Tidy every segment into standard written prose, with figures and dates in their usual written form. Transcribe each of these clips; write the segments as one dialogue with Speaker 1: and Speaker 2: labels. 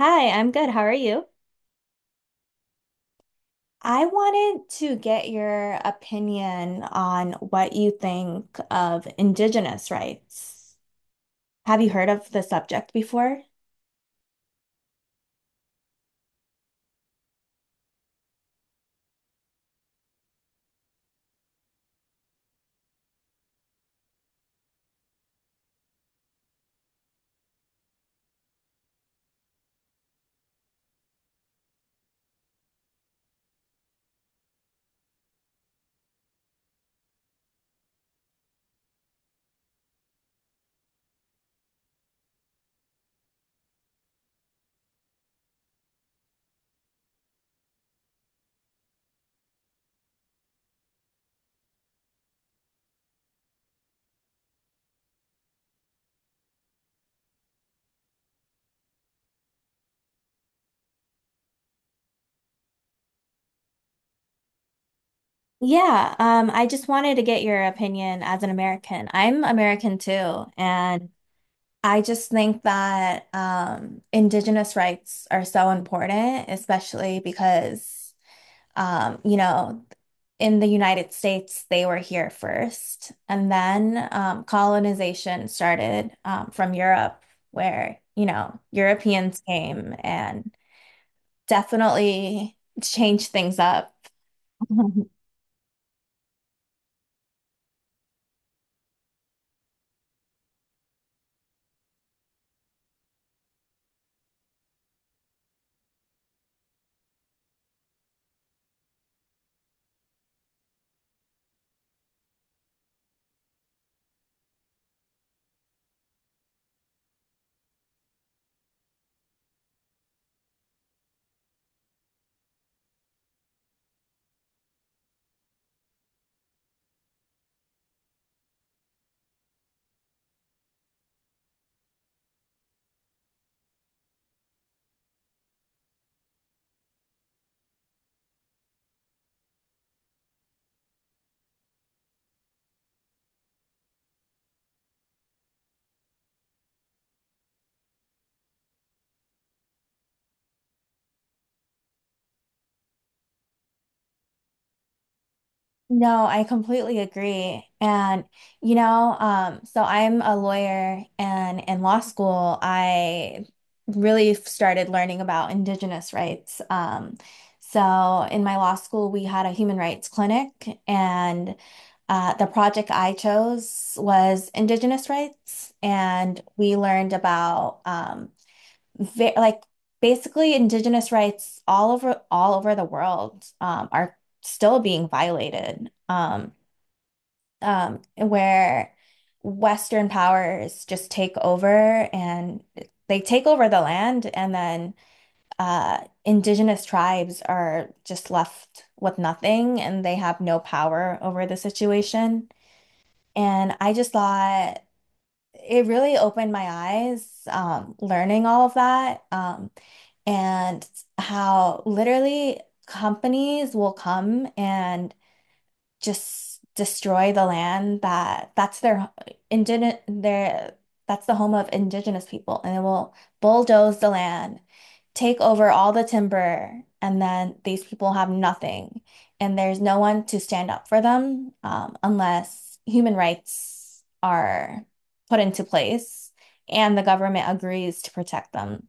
Speaker 1: Hi, I'm good. How are you? I wanted to get your opinion on what you think of Indigenous rights. Have you heard of the subject before? Yeah, I just wanted to get your opinion as an American. I'm American too, and I just think that Indigenous rights are so important, especially because Um, you know, in the United States, they were here first. And then colonization started from Europe, where, you know, Europeans came and definitely changed things up. No, I completely agree. And, you know, so I'm a lawyer and in law school, I really started learning about indigenous rights. So in my law school, we had a human rights clinic and the project I chose was indigenous rights. And we learned about ve like basically indigenous rights all over the world are still being violated where Western powers just take over and they take over the land and then indigenous tribes are just left with nothing and they have no power over the situation. And I just thought it really opened my eyes learning all of that. And how literally companies will come and just destroy the land that indigenous their that's the home of indigenous people and it will bulldoze the land, take over all the timber, and then these people have nothing and there's no one to stand up for them unless human rights are put into place and the government agrees to protect them.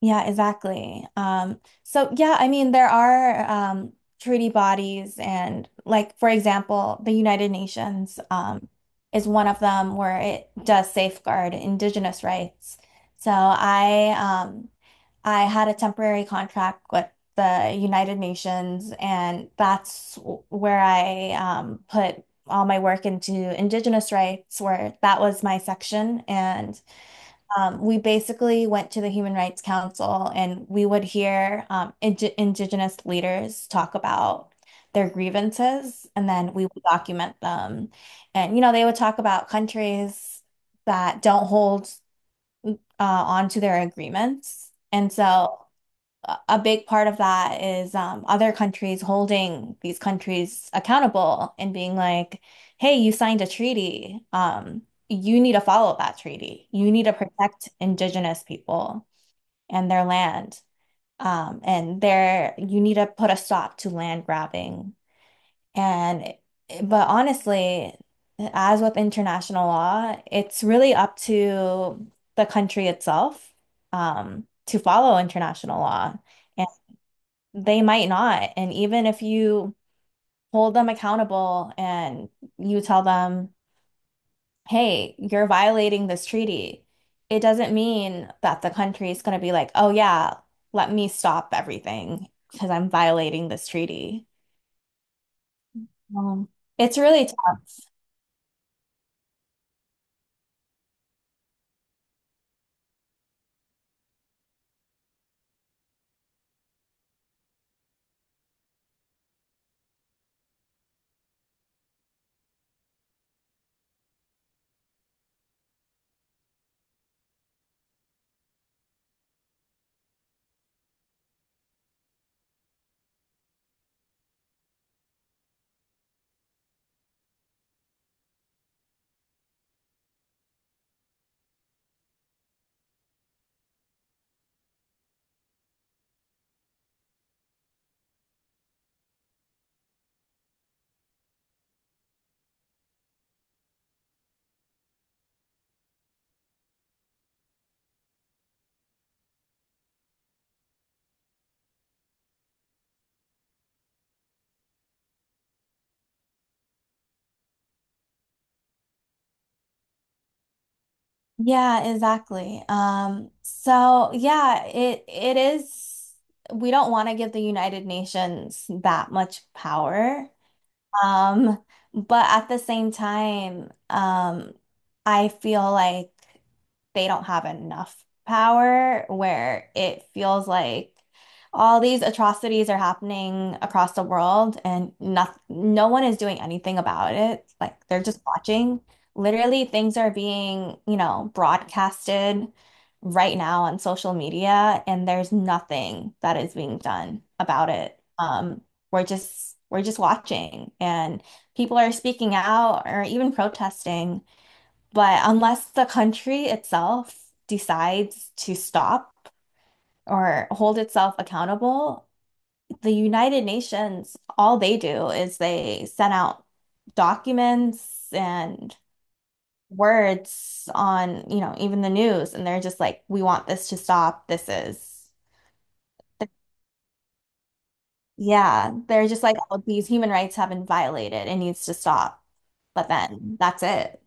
Speaker 1: Yeah, exactly. So yeah, I mean there are treaty bodies and like for example, the United Nations is one of them where it does safeguard indigenous rights. So I had a temporary contract with the United Nations and that's where I put all my work into indigenous rights where that was my section and we basically went to the Human Rights Council and we would hear indigenous leaders talk about their grievances and then we would document them. And, you know, they would talk about countries that don't hold on to their agreements. And so a big part of that is other countries holding these countries accountable and being like, hey, you signed a treaty. You need to follow that treaty. You need to protect indigenous people and their land. And there, you need to put a stop to land grabbing. And, but honestly, as with international law, it's really up to the country itself, to follow international law they might not. And even if you hold them accountable and you tell them, hey, you're violating this treaty, it doesn't mean that the country is going to be like, oh, yeah, let me stop everything because I'm violating this treaty. Um, it's really tough. Yeah, exactly. So yeah, it is. We don't want to give the United Nations that much power. Um, but at the same time, I feel like they don't have enough power where it feels like all these atrocities are happening across the world and not, no one is doing anything about it. Like they're just watching. Literally, things are being, you know, broadcasted right now on social media, and there's nothing that is being done about it. We're just watching and people are speaking out or even protesting. But unless the country itself decides to stop or hold itself accountable, the United Nations, all they do is they send out documents and words on, you know, even the news, and they're just like, we want this to stop. This is— yeah, they're just like, oh, these human rights have been violated. It needs to stop. But then that's it.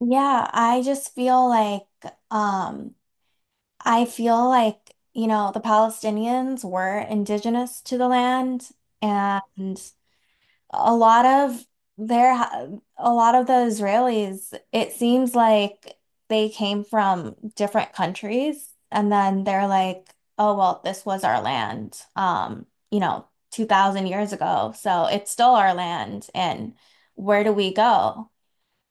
Speaker 1: Yeah, I just feel like um I feel like, you know, the Palestinians were indigenous to the land and a lot of their a lot of the Israelis, it seems like they came from different countries and then they're like, oh well, this was our land, you know, 2000 years ago. So it's still our land and where do we go?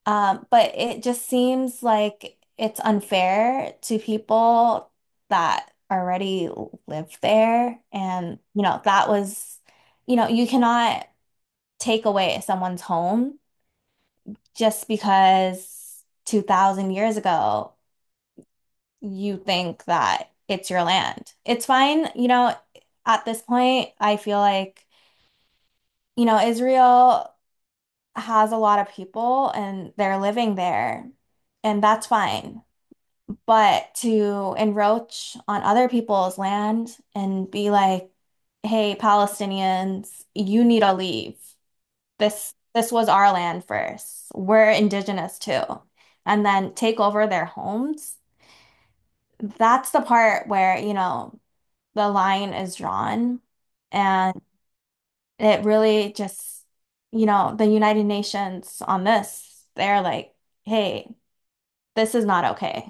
Speaker 1: But it just seems like it's unfair to people that already live there and you know, that was— you know, you cannot take away someone's home just because 2000 years ago you think that it's your land. It's fine, you know, at this point, I feel like, you know, Israel has a lot of people and they're living there, and that's fine. But to encroach on other people's land and be like, hey, Palestinians, you need to leave. This was our land first. We're indigenous too. And then take over their homes. That's the part where, you know, the line is drawn. And it really just, you know, the United Nations on this, they're like, hey, this is not okay.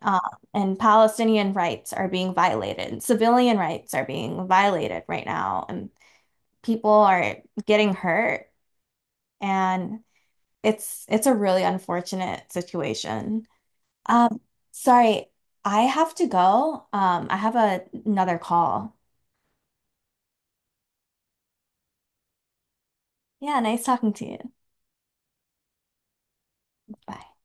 Speaker 1: Uh, and Palestinian rights are being violated. Civilian rights are being violated right now, and people are getting hurt. And it's a really unfortunate situation. Um, sorry, I have to go. I have a, another call. Yeah, nice talking to you. Bye.